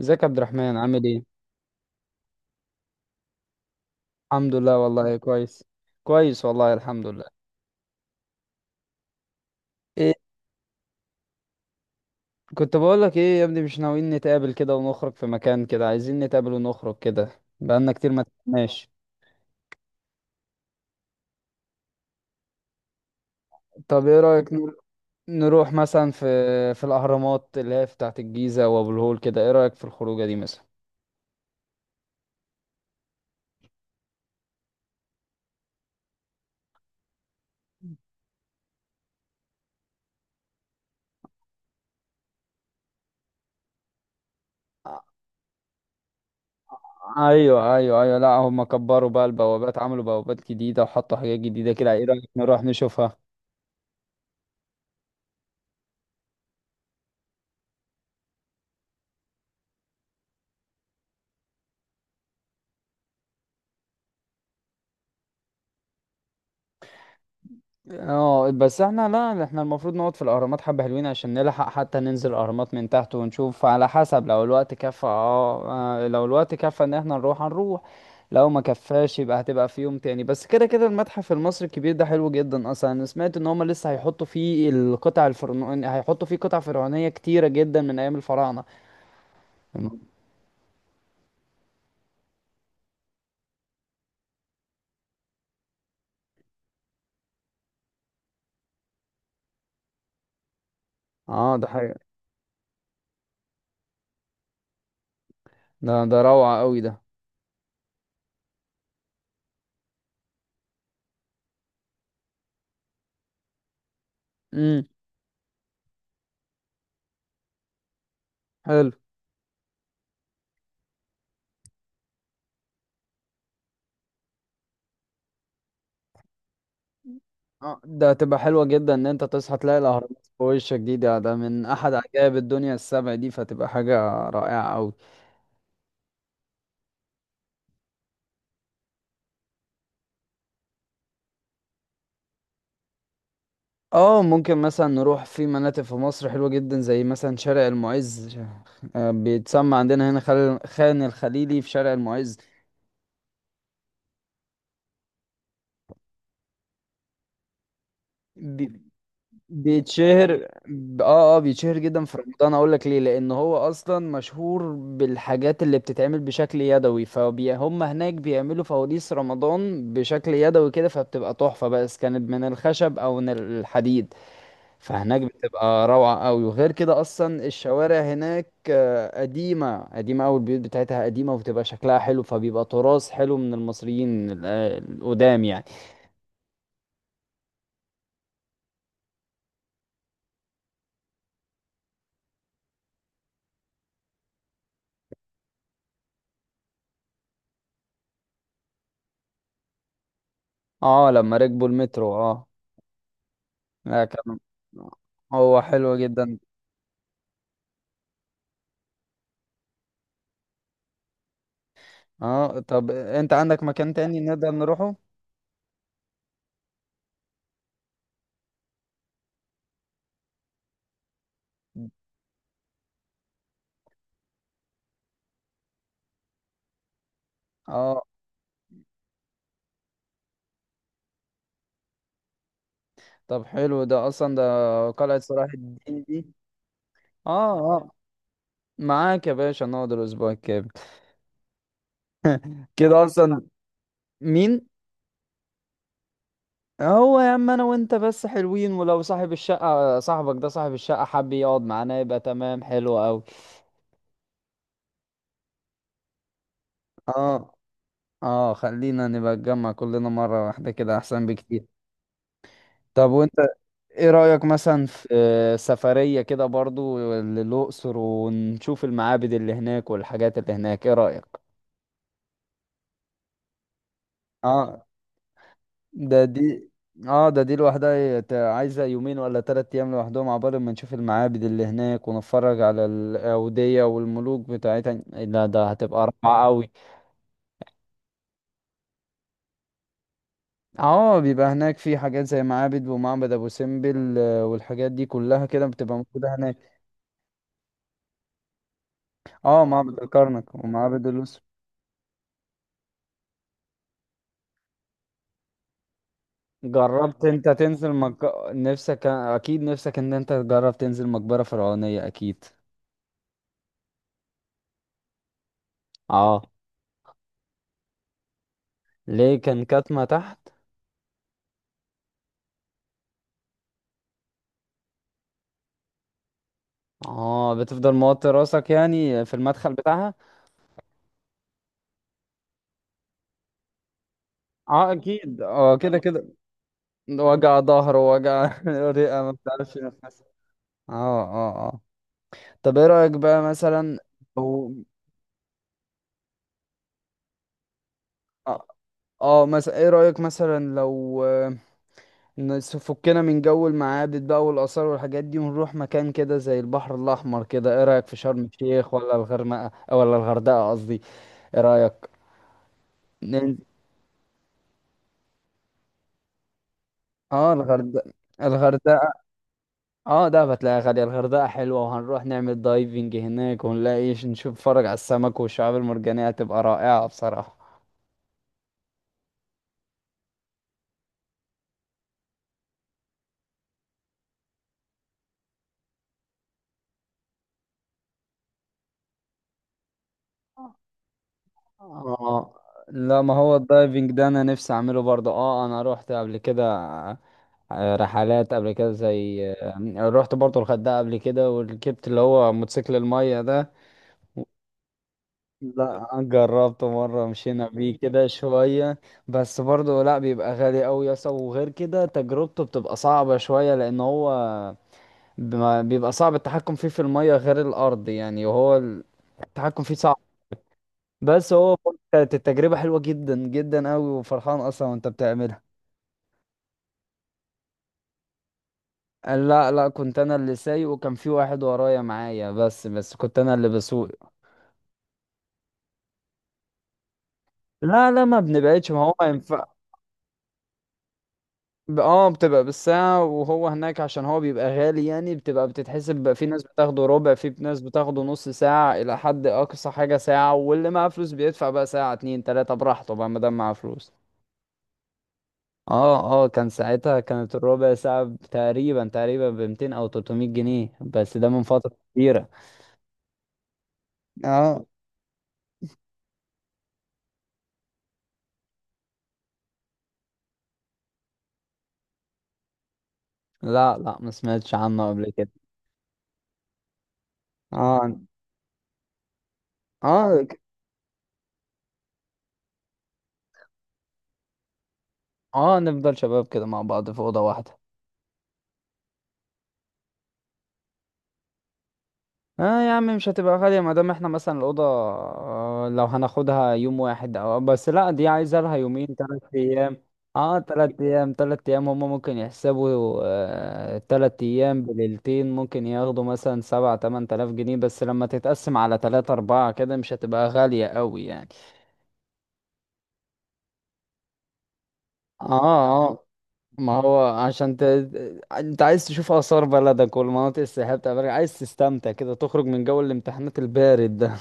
ازيك يا عبد الرحمن، عامل ايه؟ الحمد لله والله كويس. كويس والله الحمد لله. إيه؟ كنت بقول لك ايه يا ابني، مش ناويين نتقابل كده ونخرج في مكان كده؟ عايزين نتقابل ونخرج كده. بقالنا كتير ما تقابلناش. طب ايه رأيك نروح مثلا في الاهرامات اللي هي بتاعه الجيزة وابو الهول كده، ايه رأيك في الخروجة دي مثلا؟ ع- ايوه ايوه ايوه، لا هم كبروا بقى البوابات، عملوا بوابات جديدة وحطوا حاجات جديدة كده. ايه رأيك نروح نشوفها؟ اه بس احنا، لا احنا المفروض نقعد في الاهرامات حبة حلوين عشان نلحق، حتى ننزل الاهرامات من تحت ونشوف على حسب لو الوقت كفى. اه، لو الوقت كفى ان احنا نروح هنروح. لو ما كفاش يبقى هتبقى في يوم تاني، بس كده كده المتحف المصري الكبير ده حلو جدا اصلا. انا سمعت ان هما لسه هيحطوا فيه القطع الفرعونية، هيحطوا فيه قطع فرعونية كتيرة جدا من ايام الفراعنة. اه ده حاجة. ده روعة قوي ده. امم حلو. اه ده هتبقى حلوة جدا ان انت تصحى تلاقي الاهرامات في وشك دي ده من احد عجائب الدنيا السبع دي، فتبقى حاجة رائعة اوي. اه ممكن مثلا نروح في مناطق في مصر حلوة جدا، زي مثلا شارع المعز. بيتسمى عندنا هنا خان الخليلي في شارع المعز. بي- بيتشهر ب- اه اه بيتشهر جدا في رمضان. اقول لك ليه؟ لان هو اصلا مشهور بالحاجات اللي بتتعمل بشكل يدوي، فهم هناك بيعملوا فوانيس رمضان بشكل يدوي كده فبتبقى تحفة، بس كانت من الخشب او من الحديد، فهناك بتبقى روعة قوي. وغير كده اصلا الشوارع هناك قديمة قديمة قوي، البيوت بتاعتها قديمة وبتبقى شكلها حلو، فبيبقى تراث حلو من المصريين القدام يعني. اه لما ركبوا المترو اه. لا كان هو حلو جدا. اه طب انت عندك مكان تاني نقدر نروحه؟ اه طب حلو ده اصلا، ده قلعة صلاح الدين دي. اه اه، معاك يا باشا نقعد الاسبوع الكامل. كده اصلا. مين؟ هو يا عم انا وانت بس حلوين، ولو صاحب الشقة صاحبك ده صاحب الشقة حب يقعد معانا يبقى تمام حلو قوي. اه اه خلينا نبقى نتجمع كلنا مرة واحدة كده احسن بكتير. طب وانت ايه رأيك مثلا في سفرية كده برضو للأقصر ونشوف المعابد اللي هناك والحاجات اللي هناك، ايه رأيك؟ اه ده دي. اه ده دي لوحدها عايزة يومين ولا 3 ايام لوحدهم عبال ما نشوف المعابد اللي هناك ونتفرج على الأودية والملوك بتاعتها. لا ده هتبقى رائعة قوي. اه بيبقى هناك في حاجات زي معابد ومعبد ابو سمبل، والحاجات دي كلها كده بتبقى موجودة هناك. اه معبد الكرنك ومعبد الأقصر. جربت انت تنزل نفسك اكيد، نفسك ان انت تجرب تنزل مقبرة فرعونية اكيد. اه ليه كان كاتمة تحت؟ اه بتفضل موطي راسك يعني في المدخل بتاعها. اه اكيد اه كده كده. وجع ظهر ووجع رئة ما بتعرفش نفسك. اه اه اه طب ايه رأيك بقى مثلا لو. اه، مثلا ايه رأيك مثلا لو فكنا من جو المعابد بقى والآثار والحاجات دي، ونروح مكان كده زي البحر الأحمر كده، ايه رأيك في شرم الشيخ ولا الغرمقة أو ولا الغردقة قصدي؟ ايه رأيك؟ نن- اه الغردقة. الغردقة. اه ده هتلاقيها غالية. الغردقة حلوة وهنروح نعمل دايفنج هناك ونلاقي نشوف، نتفرج على السمك والشعاب المرجانية، هتبقى رائعة بصراحة. اه لا ما هو الدايفنج ده انا نفسي اعمله برضه. اه انا روحت قبل كده رحلات قبل كده، زي رحت برضو الغردقة قبل كده وركبت اللي هو موتوسيكل المية ده. لا جربته مرة، مشينا بيه كده شوية، بس برضو لا بيبقى غالي أوي يا اسطى، وغير كده تجربته بتبقى صعبة شوية، لأن هو بيبقى صعب التحكم فيه في المية غير الأرض يعني، وهو التحكم فيه صعب. بس هو كانت التجربة حلوة جدا جدا أوي، وفرحان أصلا وأنت بتعملها. لا لا كنت انا اللي سايق، وكان في واحد ورايا معايا، بس كنت انا اللي بسوق. لا لا ما بنبعدش، ما هو ما ينفع. بتبقى بالساعة، وهو هناك عشان هو بيبقى غالي يعني، بتبقى بتتحسب بقى، في ناس بتاخده ربع، في ناس بتاخده نص ساعة، إلى حد أقصى حاجة ساعة، واللي معاه فلوس بيدفع بقى ساعة اتنين تلاتة براحته بقى ما دام معاه فلوس. اه اه كان ساعتها كانت الربع ساعة تقريبا تقريبا ب 200 أو 300 جنيه، بس ده من فترة كبيرة. اه لا لا ما سمعتش عنه قبل كده. اه اه نفضل شباب كده مع بعض في اوضه واحده. اه يا عم مش هتبقى غاليه ما دام احنا مثلا الاوضه، لو هناخدها يوم واحد او بس لا دي عايزه لها يومين 3 ايام. اه ثلاث ايام ثلاث ايام هم ممكن يحسبوا 3 ايام بليلتين، ممكن ياخدوا مثلا سبعة تمن تلاف جنيه، بس لما تتقسم على تلاتة اربعة كده مش هتبقى غاليه قوي يعني. اه آه. ما هو عشان انت عايز تشوف آثار بلدك والمناطق السياحية بتاع بلدك، عايز تستمتع كده، تخرج من جو الامتحانات البارد ده.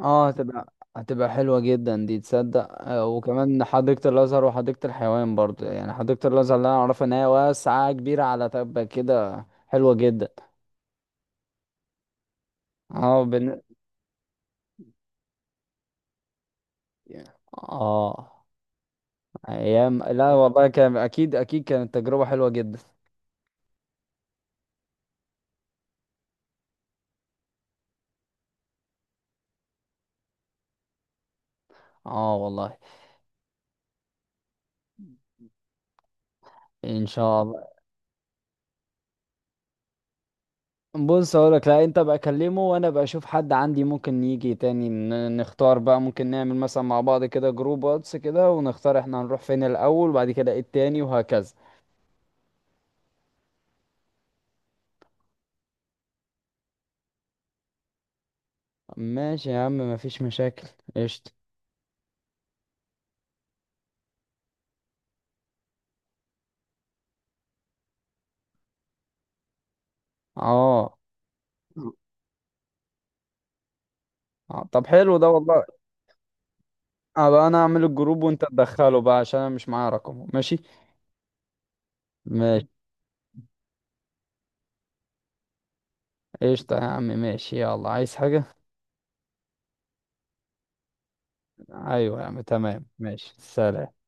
اه هتبقى حلوة جدا دي تصدق. وكمان حديقة الأزهر وحديقة الحيوان برضو، يعني حديقة الأزهر اللي أنا أعرفها إن هي واسعة كبيرة على تبة كده حلوة جدا. اه اه ايام. لا والله كان اكيد اكيد كانت تجربة حلوة جدا. اه والله. ان شاء الله. بص هقولك، لا انت بقى كلمه، وانا بقى اشوف حد عندي ممكن يجي تاني. نختار بقى. ممكن نعمل مثلا مع بعض كده جروب واتس كده، ونختار احنا هنروح فين الاول وبعد كده ايه التاني وهكذا. ماشي يا عم مفيش مشاكل. قشطة. اه اه، طب حلو ده والله. ابقى انا اعمل الجروب وانت تدخله بقى عشان انا مش معايا رقمه. ماشي. ماشي قشطة يا عم ماشي. يلا عايز حاجة؟ ايوه يا عم تمام ماشي سلام.